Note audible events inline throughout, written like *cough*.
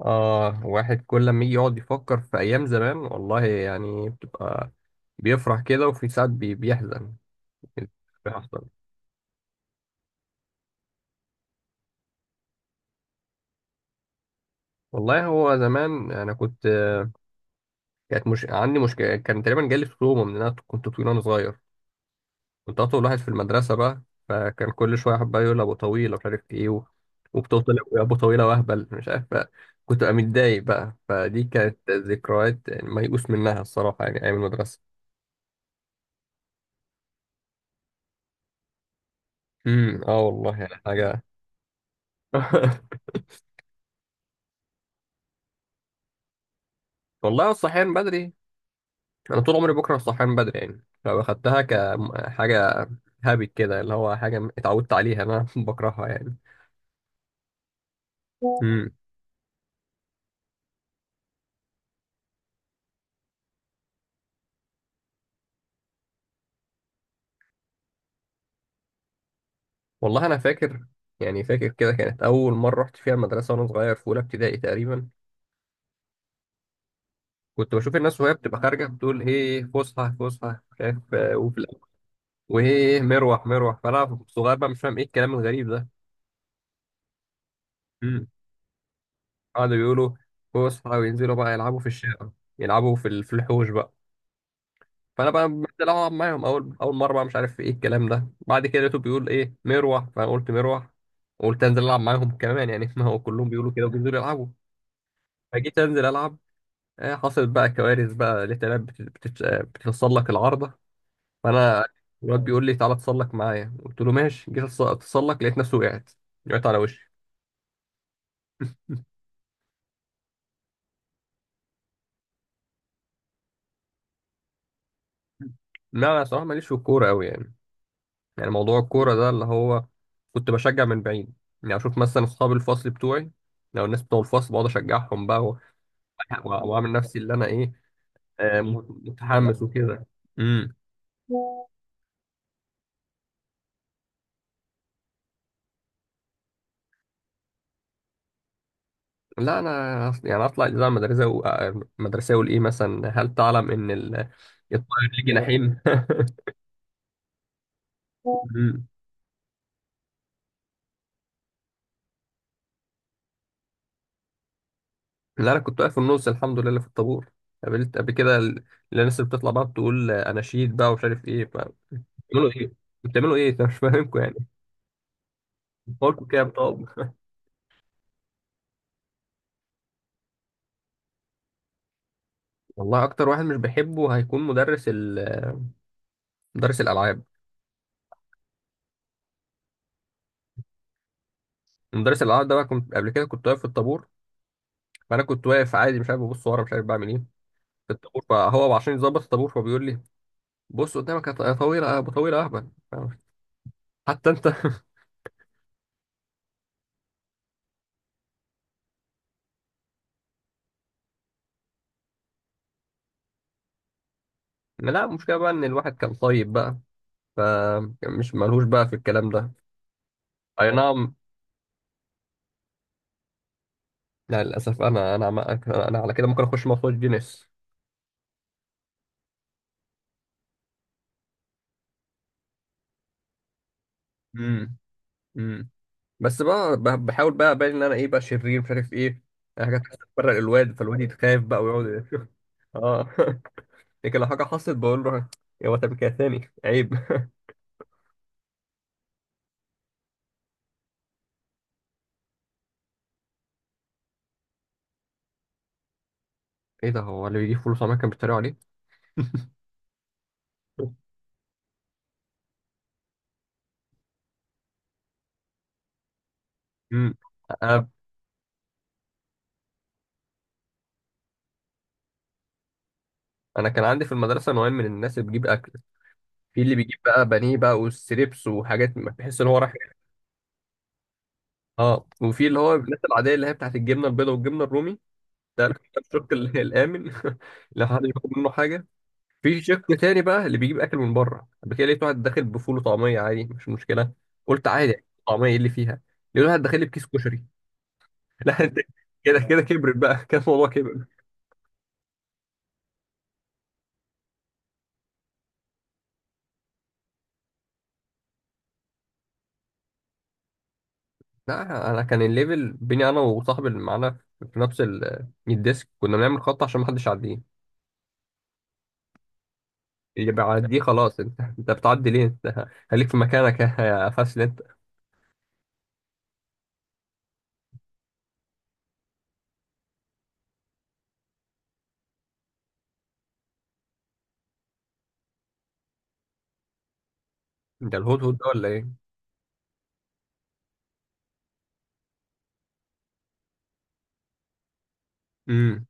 آه، واحد كل لما يجي يقعد يفكر في أيام زمان والله يعني بتبقى بيفرح كده، وفي ساعات بيحزن. بيحصل. والله هو زمان أنا كنت، مش عندي مشكلة، كان تقريبا جالي ستوما من إن أنا كنت طويل وأنا صغير. كنت أطول واحد في المدرسة بقى، فكان كل شوية حد بقى يقول أبو طويل ومش عارف إيه وبتوصل يا أبو طويلة وأهبل مش عارف بقى. كنت أبقى متضايق بقى، فدي كانت ذكريات يعني ميؤوس منها الصراحة، يعني أيام المدرسة. اه والله يعني حاجة. *laughs* والله الصحيان بدري، انا طول عمري بكره الصحيان بدري، يعني لو اخدتها كحاجه هابت كده اللي هو حاجه اتعودت عليها انا، *laughs* بكرهها يعني. امم. والله انا فاكر، يعني فاكر كده كانت اول مره رحت فيها المدرسه وانا صغير في اولى ابتدائي تقريبا. كنت بشوف الناس وهي بتبقى خارجه بتقول ايه فسحه فسحه مش عارف وفي الآخر، وايه مروح مروح، فانا صغير بقى مش فاهم ايه الكلام الغريب ده. امم. قعدوا يقولوا فسحه وينزلوا بقى يلعبوا في الشارع، يلعبوا في الحوش بقى. فانا بقى بدات العب معاهم، اول مره بقى مش عارف ايه الكلام ده، بعد كده لقيته بيقول ايه مروح، فانا قلت مروح. قلت انزل العب معاهم كمان يعني، *laughs* ما هو كلهم بيقولوا كده وبينزلوا يلعبوا. فجيت انزل العب، حصلت بقى كوارث بقى. لقيت العيال بتتسلق العارضه. فانا الواد بيقول لي تعالى اتسلق معايا، قلت له ماشي، جيت اتسلق لقيت نفسي وقعت، وقعت على وشي. لا انا صراحه ماليش في الكوره قوي يعني. يعني موضوع الكورة ده اللي هو كنت بشجع من بعيد، يعني أشوف مثلا أصحاب الفصل بتوعي، لو الناس بتوع الفصل بقعد أشجعهم بقى، وأعمل نفسي اللي أنا إيه، آه، متحمس وكده. امم. لا انا يعني اطلع الاذاعه المدرسيه المدرسيه الايه مثلا هل تعلم ان الطائر ليه جناحين. *laughs* مم. لا انا كنت واقف في النص الحمد لله اللي في الطابور. قابلت قبل كده الناس اللي بتطلع بقى بتقول آه، اناشيد بقى ومش عارف ايه بتعملوا ايه، بتعملوا ايه؟ *laughs* أنا مش فاهمكم يعني. فكك يا طب. والله اكتر واحد مش بحبه هيكون مدرس ال... مدرس الالعاب. مدرس الالعاب ده بقى كنت قبل كده كنت واقف في الطابور، فانا كنت واقف عادي مش عارف ببص ورا مش عارف بعمل ايه في الطابور، فهو عشان يظبط الطابور فهو بيقول لي بص قدامك يا طويل يا ابو طويل يا اهبل. حتى انت. *laughs* لا المشكله بقى ان الواحد كان طيب بقى، فمش ملهوش بقى في الكلام ده. اي نعم. لا للاسف انا انا على كده ممكن اخش مخرج جينيس. امم. بس بقى بحاول بقى ابان ان انا ايه بقى شرير مش عارف ايه، يعني حاجات تفرق الواد، فالواد يتخاف بقى ويقعد. *laughs* اه. لكن لو حاجه حصلت بقول له يا واد كده تاني عيب. *laughs* ايه ده، هو اللي بيجيب فلوس عمال كان بيتريقوا عليه؟ امم. انا انا كان عندي في المدرسه نوعين من الناس اللي بيجيب اكل، في اللي بيجيب بقى بانيه بقى والستريبس وحاجات ما تحس ان هو راح. اه. وفي اللي هو الناس العاديه اللي هي بتاعت الجبنه البيضاء والجبنه الرومي، ده *laughs* الشق الامن. *laughs* لو حد ياخد منه حاجه. في شق تاني بقى اللي بيجيب اكل من بره، قبل كده لقيت واحد داخل بفول وطعميه، عادي مش مشكله، قلت عادي طعميه ايه اللي فيها. لقيت واحد داخل لي بكيس كشري، *laughs* لا انت كده كده كبرت بقى. *laughs* كان الموضوع كبر. لا انا كان الليفل بيني انا وصاحبي اللي معانا في نفس الديسك، كنا بنعمل خط عشان ما حدش يعديه. اللي بيعديه خلاص انت، انت بتعدي ليه؟ انت خليك في مكانك يا فاسل انت. انت الهدهد ده ولا ايه؟ امم.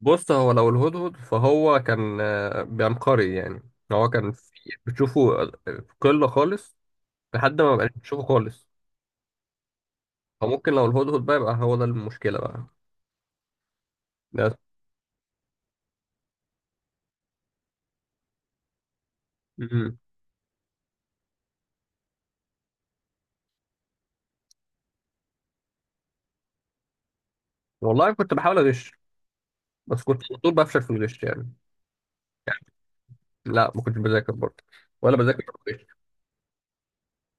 بص، هو لو الهدهد فهو كان آه، بينقري يعني. هو كان في بتشوفه في قلة خالص لحد ما مبقاش بتشوفه خالص. فممكن لو الهدهد بقى يبقى هو ده المشكلة بقى، بس. مم. والله كنت بحاول أغش، بس كنت على طول بفشل في الغش يعني. لا ما كنتش بذاكر برضه، ولا بذاكر ولا بغش.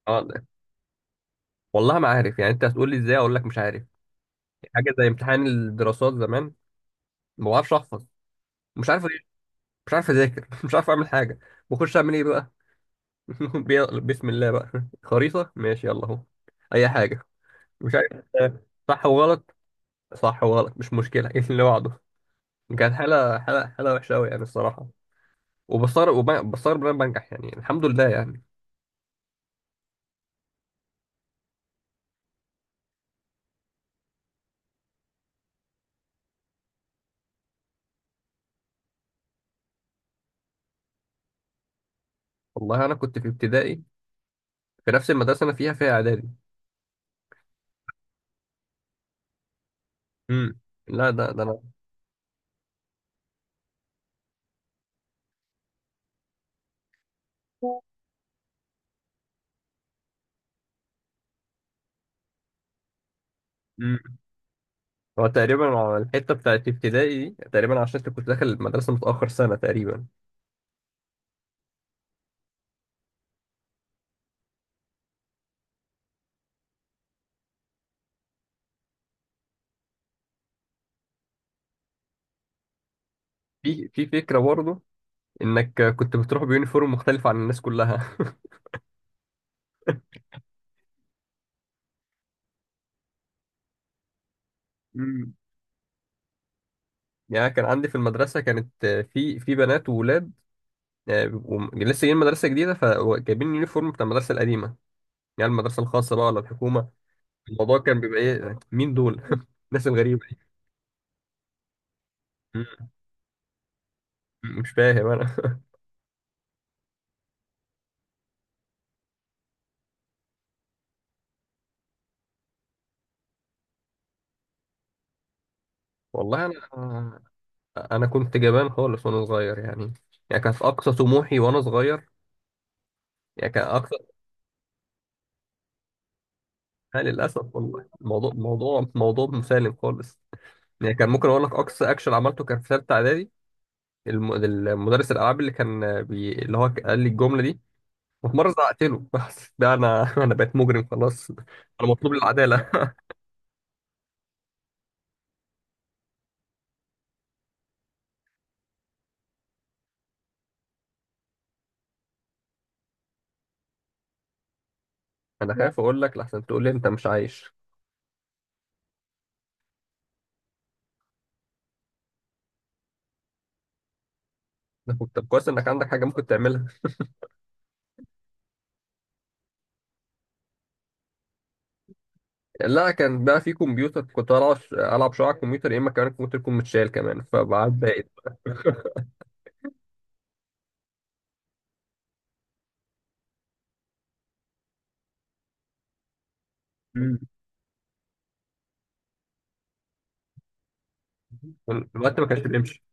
اه ده. والله ما عارف يعني، انت هتقول لي ازاي اقول لك مش عارف. يعني حاجة زي امتحان الدراسات زمان، ما بعرفش احفظ، مش عارف أغش، مش عارف اذاكر، *laughs* مش عارف اعمل حاجة. بخش اعمل ايه بقى، *laughs* بسم الله بقى. خريطة ماشي يلا اهو، أي حاجة، مش عارف. صح وغلط، صح وغلط مش مشكلة. *laughs* ايه اللي بعده. كانت حالة حالة وحشة أوي يعني الصراحة. وبستغرب بستغرب إن أنا بنجح، يعني الحمد لله يعني. والله أنا كنت في ابتدائي في نفس المدرسة أنا فيها، إعدادي. امم. لا ده أنا. امم. هو تقريبا على الحتة بتاعت ابتدائي دي، تقريبا عشان أنت كنت داخل المدرسة متأخر سنة تقريبا. في في فكرة برضه إنك كنت بتروح بيونيفورم مختلف عن الناس كلها. *laughs* يعني كان عندي في المدرسة كانت آه، في بنات وولاد، آه، بيبقوا لسه جايين مدرسة جديدة فجايبين اليونيفورم بتاع المدرسة القديمة، يعني المدرسة الخاصة بقى ولا الحكومة. الموضوع كان بيبقى إيه مين دول؟ *laughs* الناس الغريبة دي، م- مش فاهم أنا. *laughs* والله أنا كنت جبان خالص وأنا صغير يعني. يعني كان في أقصى طموحي وأنا صغير، يعني كان أقصى، لا للأسف والله الموضوع موضوع مسالم خالص. يعني كان ممكن أقول لك أقصى أكشن عملته كان في ثالثة إعدادي، المدرس الألعاب اللي كان اللي هو قال لي الجملة دي، وفي مرة زعقت له، بس ده أنا *laughs* أنا بقيت مجرم خلاص. أنا مطلوب العدالة. *laughs* أنا خايف أقول لك لحسن تقول لي أنت مش عايش. أنا كنت طب كويس إنك عندك حاجة ممكن تعملها. لا كان بقى في كمبيوتر، كنت ألعب، ألعب شوية على الكمبيوتر يا إما كمان الكمبيوتر يكون متشال كمان فبعد بقيت. مم. الوقت ما كانش بيمشي.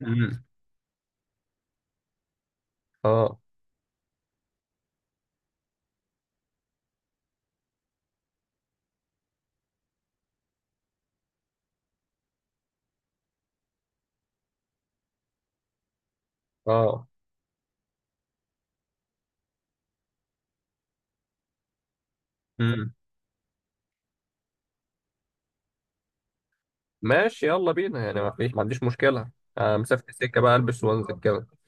مم. اه. اه. امم. ماشي يلا بينا يعني، ما فيش، ما عنديش مشكلة. آه، مسافة السكة بقى البس وانزل كده.